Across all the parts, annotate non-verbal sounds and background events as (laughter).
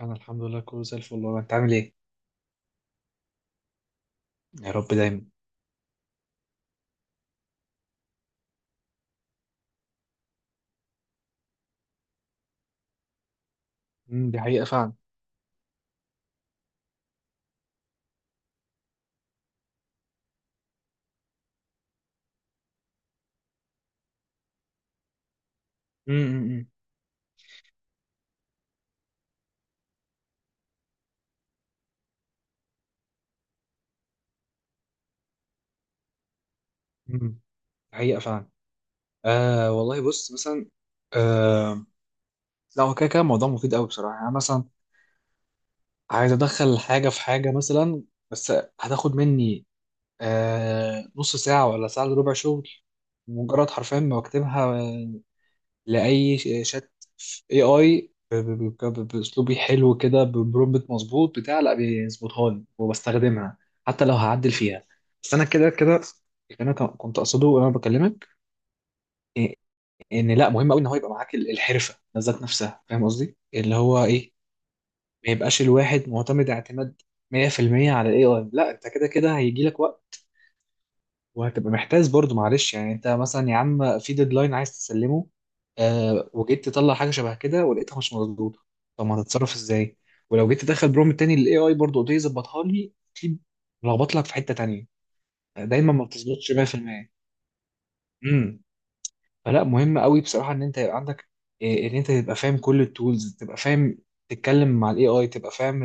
انا الحمد لله كله زي الفل والله، انت عامل ايه؟ يا رب دايما. دي حقيقه فعلا. امم امم دي حقيقه فعلا. والله بص مثلا. آه لا، هو كده كده موضوع مفيد قوي بصراحه. يعني أنا مثلا عايز ادخل حاجه في حاجه مثلا، بس هتاخد مني نص ساعه ولا ساعه الا ربع شغل. مجرد حرفيا ما بكتبها شات اي اي باسلوبي حلو كده، ببرومبت مظبوط بتاع، لا بيظبطها لي وبستخدمها حتى لو هعدل فيها. بس انا كده كده، اللي انا كنت اقصده وانا بكلمك إيه- ان لا مهم قوي ان هو يبقى معاك الحرفه ذات نفسها، فاهم قصدي؟ اللي هو ايه، ما يبقاش الواحد معتمد اعتماد 100% على الاي اي. لا، انت كده كده هيجي لك، وهتبقى محتاج برضو. معلش يعني، انت مثلا يا عم في ديدلاين عايز تسلمه، وجيت تطلع حاجه شبه كده ولقيتها مش مظبوطه. طب ما هتتصرف ازاي؟ ولو جيت تدخل برومت تاني للاي اي، برضو قلت يظبطها لي، اكيد لخبط لك في حته تانيه. دايما ما بتظبطش 100%. امم فلا، مهم قوي بصراحه ان انت يبقى عندك ان انت تبقى فاهم كل التولز، تبقى فاهم تتكلم مع الاي اي، تبقى فاهم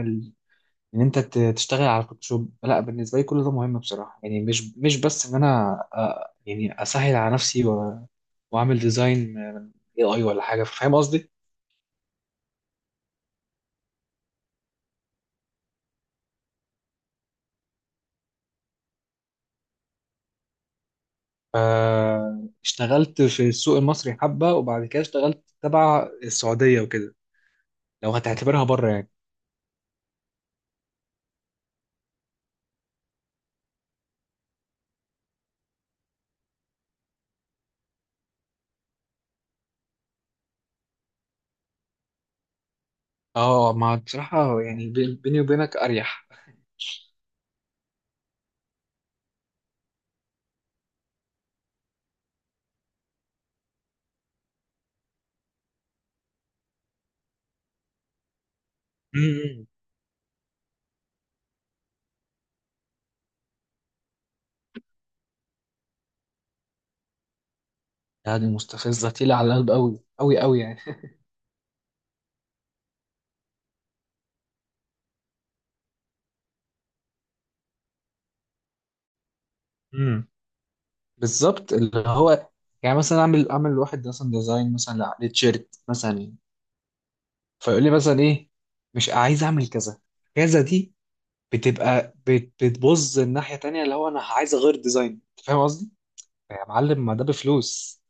ان انت تشتغل على فوتوشوب. لا، بالنسبه لي كل ده مهم بصراحه. يعني مش بس ان انا يعني اسهل على نفسي واعمل ديزاين اي اي ولا حاجه، فاهم قصدي؟ اشتغلت في السوق المصري حبه، وبعد كده اشتغلت تبع السعوديه وكده، لو هتعتبرها بره يعني. اه، ما بصراحه يعني بيني وبينك اريح. امم يعني مستفزه، تقيله على القلب قوي قوي قوي. يعني بالظبط، اللي هو يعني مثلا اعمل لواحد مثلا ديزاين مثلا لتيشيرت مثلا، فيقول لي مثلا ايه، مش عايز اعمل كذا، كذا دي بتبقى بتبوظ الناحية تانية. اللي هو انا عايز اغير ديزاين، انت فاهم قصدي؟ يا معلم، ما ده بفلوس.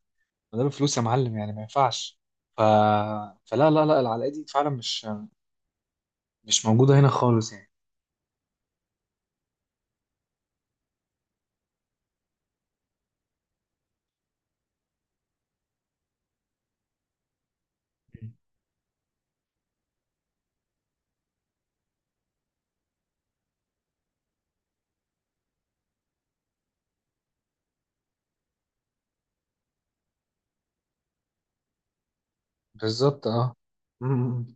ما ده بفلوس يا معلم، يعني ما ينفعش. ف... فلا لا لا، العلاقة دي فعلا مش موجودة هنا خالص يعني. بالظبط اه. م- م. م.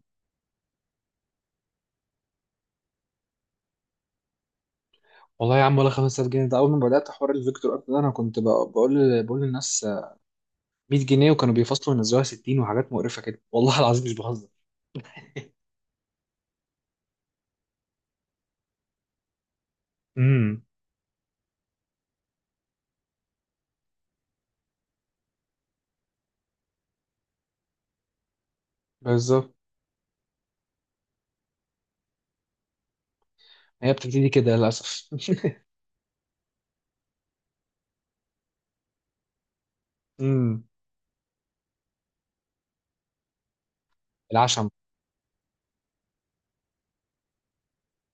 والله يا عم، ولا 5000 جنيه. ده اول ما بدات حوار الفيكتور ارت ده، انا كنت بقول للناس 100 جنيه، وكانوا بيفصلوا ينزلوها 60، وحاجات مقرفة كده. والله العظيم مش بهزر. امم بالظبط. هي بتبتدي كده للأسف. (laughs) امم العشم.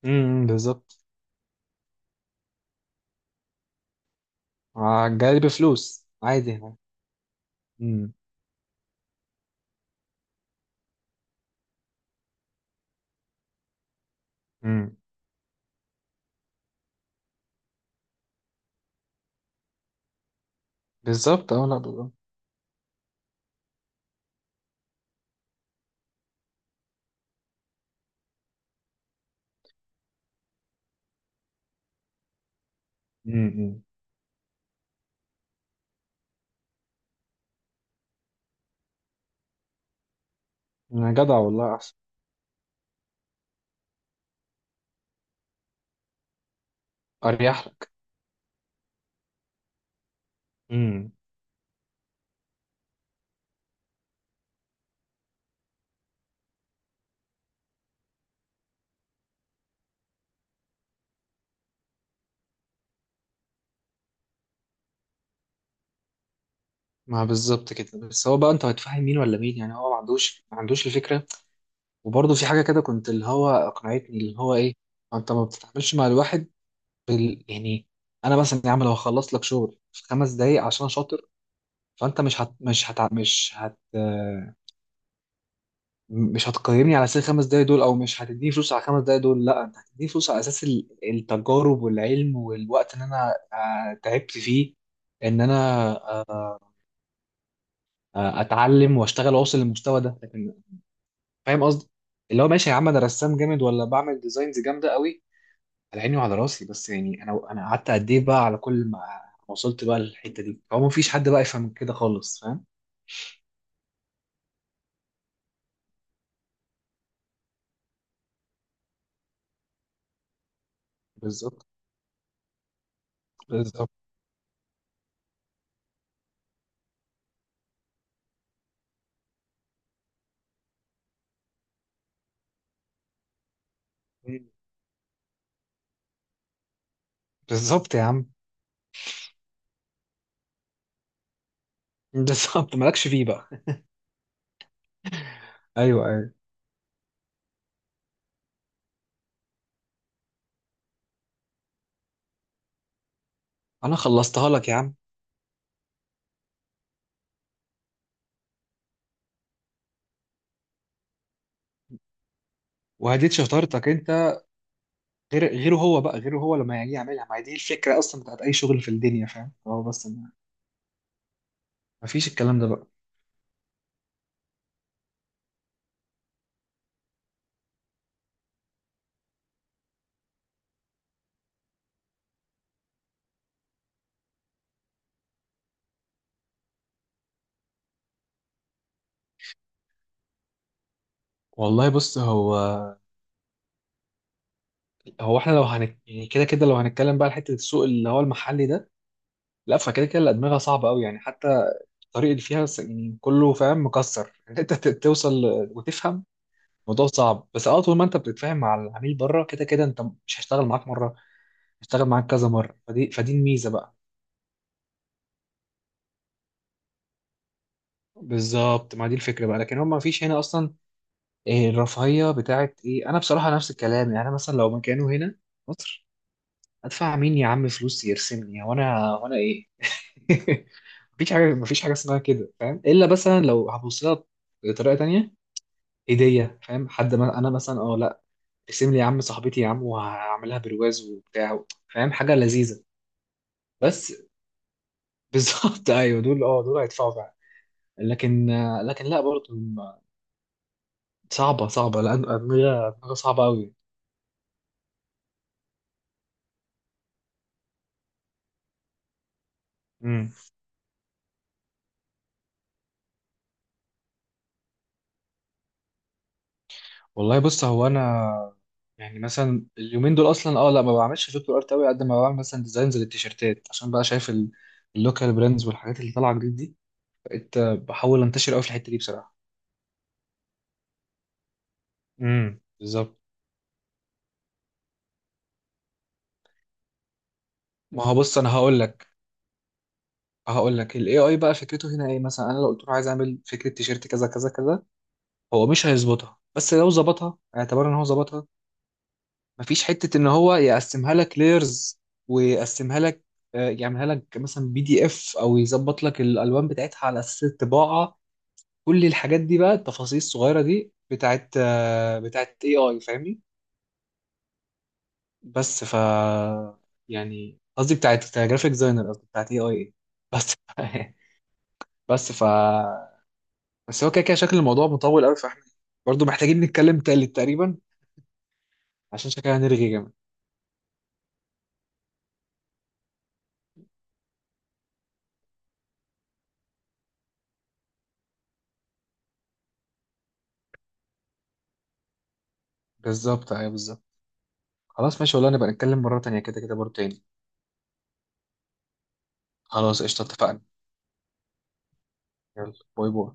بالظبط. جاي بفلوس عادي يعني. امم امم بالظبط. اه لا بالظبط. امم أمم. جدع والله، أحسن. أريح لك. امم ما بالظبط كده. بس هو بقى انت هتفهم مين ولا مين؟ يعني هو ما عندوش ما عندوش الفكرة. وبرضه في حاجة كده كنت، اللي هو أقنعتني اللي هو إيه، انت ما بتتعاملش مع الواحد يعني. انا مثلا يا عم لو هخلص لك شغل في خمس دقايق عشان شاطر، فانت مش هت... مش هت... مش هت... آه، مش هتقيمني على اساس الخمس دقايق دول، او مش هتديني فلوس على الخمس دقايق دول. لا، انت هتديني فلوس على اساس التجارب والعلم والوقت ان انا تعبت فيه. ان انا آه، اتعلم واشتغل واوصل للمستوى ده. لكن فاهم قصدي، اللي هو ماشي يا عم انا رسام جامد ولا بعمل ديزاينز جامده قوي، على عيني وعلى راسي. بس يعني انا قعدت قد ايه بقى على كل ما وصلت بقى للحته دي. هو مفيش حد بقى يفهم كده خالص، فاهم؟ بالظبط. بالظبط. بالظبط. (laughs) يا عم، بالظبط، مالكش فيه بقى. ايوه ايوه، انا خلصتها لك يا عم، وهديت شطارتك انت. غير غيره، هو بقى غيره هو لما يجي يعملها. ما هي دي الفكره اصلا بتاعت اي شغل في الدنيا، فاهم؟ هو بس مفيش الكلام ده بقى. والله بص، هو هو احنا لو هنت يعني، كده كده لو هنتكلم بقى على حته السوق اللي هو المحلي ده، لا فكده كده الادمغه صعبه قوي يعني. حتى الطريق اللي فيها يعني كله فاهم مكسر. (laughs) ان انت توصل وتفهم، الموضوع صعب. بس اه، طول ما انت بتتفاهم مع العميل بره، كده كده انت، مش هيشتغل معاك مره، هيشتغل معاك كذا مره. فدي الميزه بقى. بالظبط، ما دي الفكره بقى. لكن هم ما فيش هنا اصلا. إيه الرفاهيه بتاعت ايه؟ انا بصراحه نفس الكلام يعني. أنا مثلا لو مكانه هنا، مصر، ادفع مين يا عم فلوس يرسمني وانا ايه؟ (laughs) مفيش حاجه، مفيش حاجه اسمها كده، فاهم؟ الا مثلا لو هبص لها بطريقه تانيه، هديه، فاهم؟ حد ما انا مثلا اه لا، ارسم لي يا عم صاحبتي يا عم، وهعملها برواز وبتاع، فاهم؟ حاجه لذيذه، بس. (laughs) بالظبط ايوه دول، اه دول هيدفعوا فعلا. لكن لكن لا برضه صعبه صعبه، لان ادمغه ادمغه صعبه قوي. امم والله بص، هو انا يعني مثلا اليومين دول اصلا، اه لا ما بعملش فيجوال ارت قوي قد ما بعمل مثلا ديزاينز للتيشيرتات، عشان بقى شايف اللوكال براندز والحاجات اللي طالعه جديد دي. بقيت بحاول انتشر قوي في الحته دي بصراحه. بالظبط. ما هو بص، انا هقول لك، هقول لك الاي اي بقى فكرته هنا ايه. مثلا انا لو قلت له عايز اعمل فكره تيشيرت كذا كذا كذا، هو مش هيظبطها، بس لو ظبطها اعتبر ان هو ظبطها. مفيش حته ان هو يقسمها لك لايرز، ويقسمها لك، يعملها لك مثلا بي دي اف، او يظبط لك الالوان بتاعتها على اساس الطباعه. كل الحاجات دي بقى، التفاصيل الصغيره دي، بتاعت بتاعت اي اي، فاهمني؟ بس ف، يعني قصدي بتاعت جرافيك ديزاينر، قصدي بتاعت اي اي. بس (laughs) بس ف، بس هو كده كده شكل الموضوع مطول قوي، فاحنا برضو محتاجين نتكلم تالت تقريبا، عشان شكلها هنرغي جامد. بالظبط ايوه بالظبط. خلاص ماشي والله، نبقى نتكلم مرة تانية كده كده برضو تاني. خلاص قشطة، اتفقنا. يلا، باي باي.